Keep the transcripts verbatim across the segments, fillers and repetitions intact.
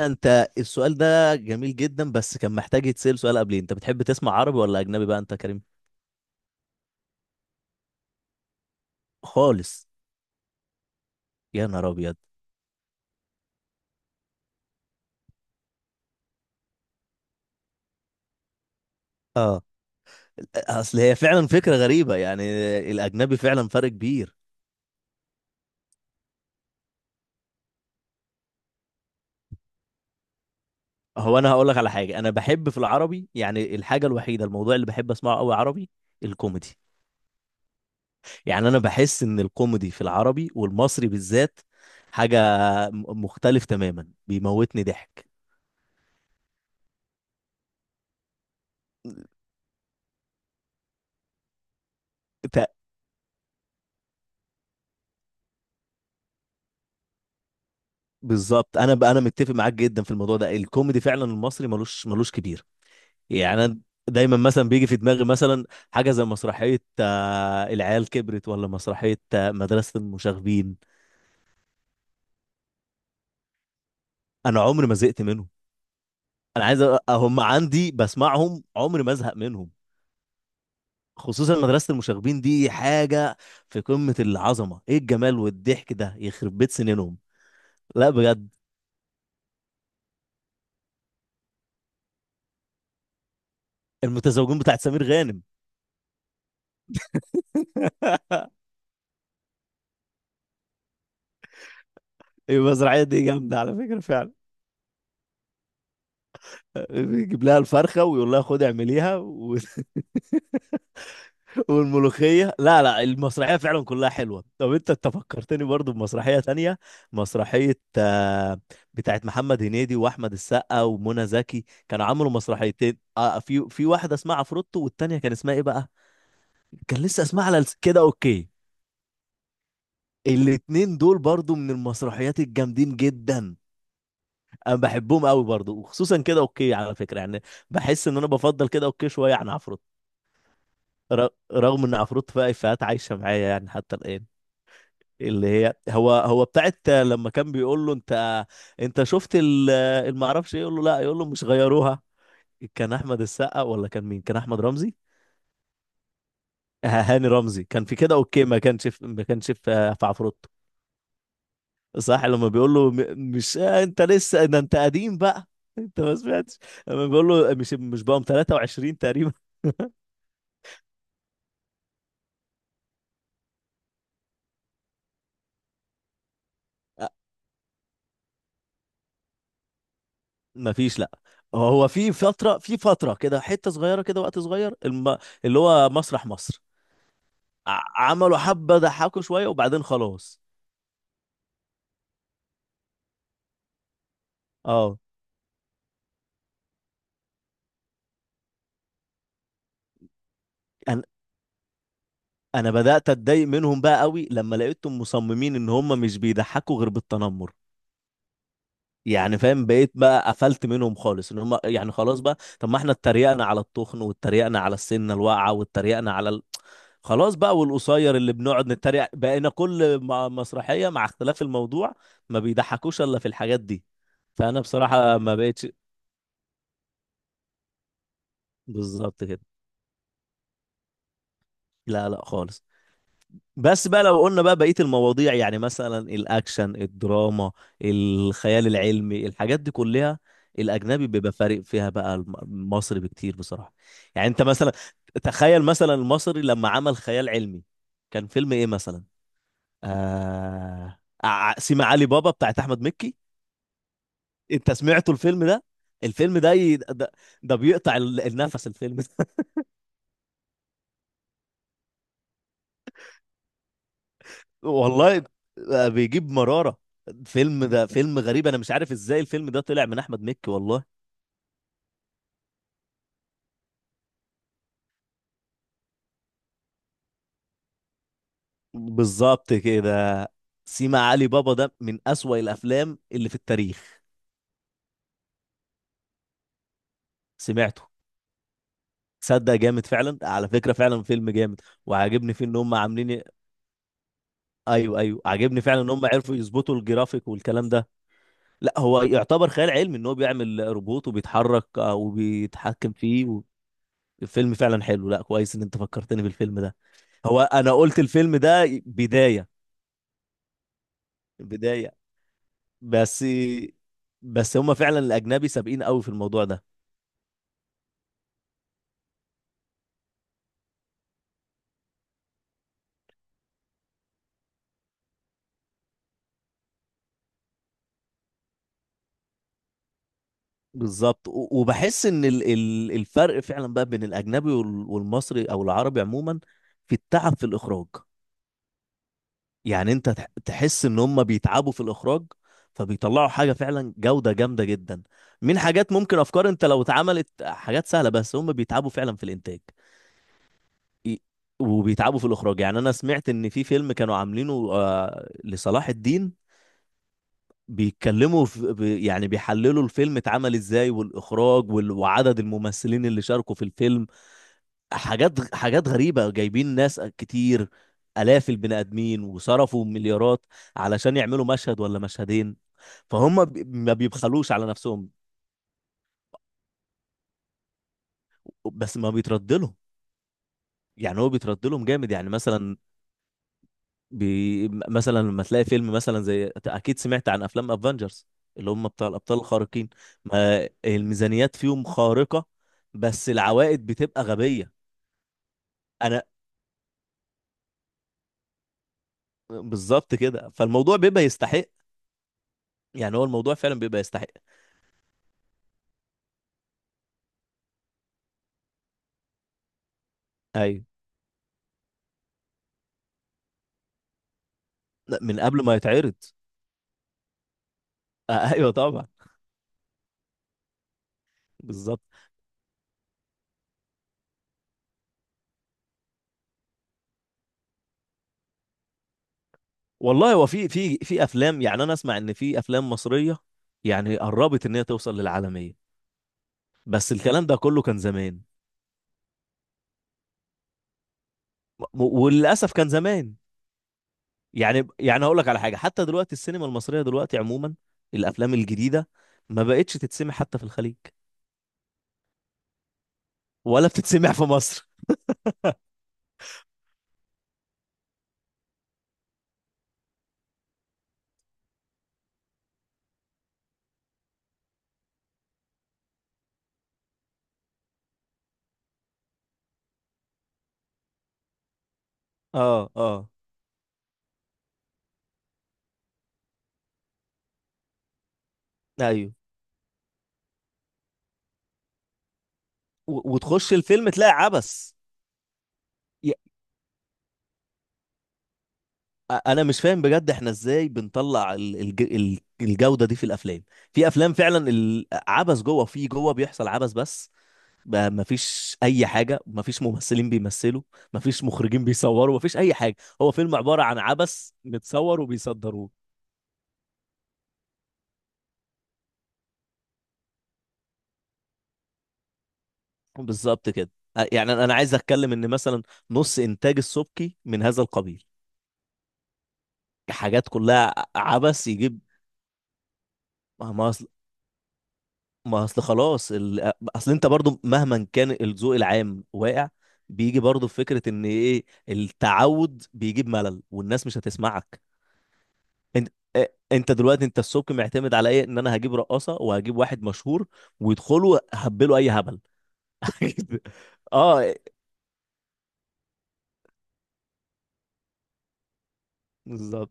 انت، السؤال ده جميل جدا، بس كان محتاج يتسأل سؤال قبليه: انت بتحب تسمع عربي ولا اجنبي بقى انت يا كريم؟ خالص. يا نهار ابيض! اه. اصل هي فعلا فكرة غريبة يعني. الاجنبي فعلا فرق كبير. هو انا هقول لك على حاجة، انا بحب في العربي، يعني الحاجة الوحيدة، الموضوع اللي بحب اسمعه قوي عربي: الكوميدي. يعني انا بحس ان الكوميدي في العربي والمصري بالذات حاجة م- مختلف تماما، بيموتني ضحك. بالظبط، انا بقى انا متفق معاك جدا في الموضوع ده، الكوميدي فعلا المصري ملوش ملوش كبير. يعني انا دايما مثلا بيجي في دماغي، مثلا حاجه زي مسرحيه آه، العيال كبرت، ولا مسرحيه آه، مدرسه المشاغبين. انا عمري ما زهقت منهم. انا عايز أ- هم عندي، بسمعهم عمري ما ازهق منهم. خصوصا مدرسه المشاغبين دي حاجه في قمه العظمه، ايه الجمال والضحك ده، يخرب بيت سنينهم. لا، بجد. المتزوجون بتاعت سمير غانم. المسرحيه دي جامده على فكره فعلا. يجيب لها الفرخه ويقول لها خدي اعمليها و... والملوخيه! لا لا، المسرحيه فعلا كلها حلوه. طب انت انت فكرتني برضو بمسرحيه تانية، مسرحيه آه، بتاعت محمد هنيدي واحمد السقا ومنى زكي. كانوا عملوا مسرحيتين، آه، في في واحده اسمها عفروتو والتانيه كان اسمها ايه بقى؟ كان لسه اسمها على لس- كده اوكي. الاتنين دول برضو من المسرحيات الجامدين جدا. انا بحبهم قوي برضو، وخصوصا كده اوكي على فكره يعني. بحس ان انا بفضل كده اوكي شويه عن عفروتو. ر- رغم ان عفروت فيها افيهات عايشه معايا يعني حتى الان. اللي هي هو هو بتاعت لما كان بيقول له انت، انت شفت ال- المعرفش ايه، يقول له لا، يقول له مش غيروها. كان احمد السقا ولا كان مين؟ كان احمد رمزي. آه، هاني رمزي كان في كده اوكي، ما كانش في ما كانش في آه، في عفروت. صح، لما بيقول له م- مش، آه، انت لسه، ده انت قديم بقى. انت ما سمعتش، لما بيقول له مش مش بقى تلاتة وعشرين تقريبا. ما فيش، لا. هو هو في فترة في فترة كده، حتة صغيرة كده، وقت صغير الم... اللي هو مسرح مصر. ع- عملوا حبة، ضحكوا شوية وبعدين خلاص. اه. انا انا بدأت اتضايق منهم بقى قوي لما لقيتهم مصممين ان هم مش بيضحكوا غير بالتنمر، يعني فاهم؟ بقيت بقى قفلت منهم خالص، ان هم يعني خلاص بقى، طب ما احنا اتريقنا على التخن، واتريقنا على السنه الواقعه، واتريقنا على ال... خلاص بقى، والقصير اللي بنقعد نتريق، بقينا كل م- مسرحيه مع اختلاف الموضوع. ما بيضحكوش الا في الحاجات دي. فانا بصراحه ما بقتش. بالظبط كده. لا لا خالص. بس بقى لو قلنا بقى بقية المواضيع، يعني مثلا الأكشن، الدراما، الخيال العلمي، الحاجات دي كلها، الأجنبي بيبقى فارق فيها بقى الم- المصري بكتير بصراحة. يعني أنت مثلا، تخيل مثلا المصري لما عمل خيال علمي، كان فيلم إيه مثلا؟ آه... ع- سيما علي بابا بتاعت أحمد مكي. أنت سمعته الفيلم ده؟ الفيلم ده ي... ده، ده بيقطع ال- النفس الفيلم. والله، بقى بيجيب مرارة. فيلم ده فيلم غريب، انا مش عارف ازاي الفيلم ده طلع من احمد مكي، والله. بالظبط كده. سيما علي بابا ده من اسوأ الافلام اللي في التاريخ. سمعته. تصدق جامد فعلا، على فكرة فعلا فيلم جامد. وعاجبني فيه ان هم عاملين، ايوه ايوه، عاجبني فعلا ان هم عرفوا يظبطوا الجرافيك والكلام ده. لا، هو يعتبر خيال علمي، ان هو بيعمل روبوت وبيتحرك، آه، وبيتحكم فيه. الفيلم فعلا حلو. لا، كويس ان انت فكرتني بالفيلم ده. هو انا قلت الفيلم ده بداية، بداية. بس، بس هما فعلا الاجنبي سابقين قوي في الموضوع ده. بالظبط. و- وبحس ان ال- ال- الفرق فعلا بقى بين الاجنبي وال- والمصري او العربي عموما، في التعب في الاخراج. يعني انت تح- تحس ان هم بيتعبوا في الاخراج، فبيطلعوا حاجه فعلا جوده جامده جدا. من حاجات، ممكن افكار انت لو اتعملت حاجات سهله، بس هم بيتعبوا فعلا في الانتاج، ي- وبيتعبوا في الاخراج. يعني انا سمعت ان في فيلم كانوا عاملينه آه، لصلاح الدين، بيتكلموا في بي- يعني بيحللوا الفيلم اتعمل ازاي، والاخراج، وال- وعدد الممثلين اللي شاركوا في الفيلم. حاجات غ- حاجات غريبة، جايبين ناس كتير، آلاف البني آدمين، وصرفوا مليارات علشان يعملوا مشهد ولا مشهدين. فهم ب- ما بيبخلوش على نفسهم. بس ما بيترد لهم. يعني هو بيترد لهم جامد، يعني مثلا بي... مثلا لما تلاقي فيلم مثلا زي، اكيد سمعت عن افلام افنجرز اللي هم بتاع الابطال الخارقين. ما الميزانيات فيهم خارقة، بس العوائد بتبقى غبية. انا، بالظبط كده، فالموضوع بيبقى يستحق. يعني هو الموضوع فعلا بيبقى يستحق. ايوه. لا، من قبل ما يتعرض. آه، ايوه طبعا. بالظبط. والله، هو في في في افلام، يعني انا اسمع ان في افلام مصرية يعني قربت ان هي توصل للعالمية، بس الكلام ده كله كان زمان. م- وللاسف كان زمان. يعني، يعني هقول لك على حاجه، حتى دلوقتي السينما المصريه دلوقتي عموما، الافلام الجديده ما بقتش تتسمع حتى في الخليج، ولا بتتسمع في مصر. اه، اه. ايوه. و- وتخش الفيلم تلاقي عبس. ي- أ- انا مش فاهم بجد احنا ازاي بنطلع ال- الج... ال- الجوده دي في الافلام. في افلام فعلا العبس جوه، في جوه بيحصل عبس بس، ما ما فيش اي حاجه، ما فيش ممثلين بيمثلوا، ما فيش مخرجين بيصوروا، ما فيش اي حاجه. هو فيلم عباره عن عبس متصور وبيصدروه. بالظبط كده. أ- يعني انا عايز اتكلم ان مثلا نص انتاج السبكي من هذا القبيل، حاجات كلها ع- عبث يجيب. ما ما اصل ما اصل خلاص ال... اصل انت برضو مهما كان الذوق العام واقع، بيجي برضو فكرة ان ايه، التعود بيجيب ملل والناس مش هتسمعك. انت، أ- انت دلوقتي انت السبكي معتمد على ايه؟ ان انا هجيب رقاصة وهجيب واحد مشهور ويدخلوا هبلوا اي هبل. اه، بالظبط.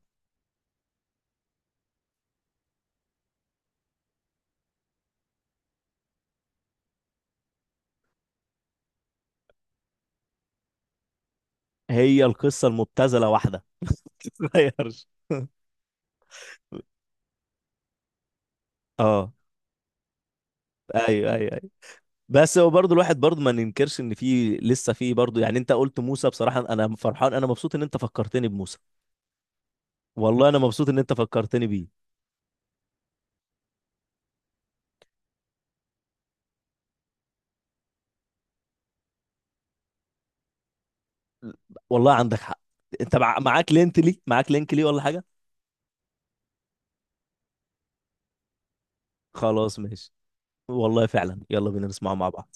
هي القصة المبتذلة واحدة. غيرش. اه، ايوه ايوه ايوه. بس هو برضه الواحد برضه ما ننكرش ان في لسه في برضه، يعني انت قلت موسى بصراحه، انا فرحان، انا مبسوط ان انت فكرتني بموسى. والله انا مبسوط ان انت فكرتني بيه. والله عندك حق. انت مع... معاك لينك لي، معاك لينك لي ولا حاجه؟ خلاص ماشي. والله فعلا، يلا بينا نسمعه مع بعض.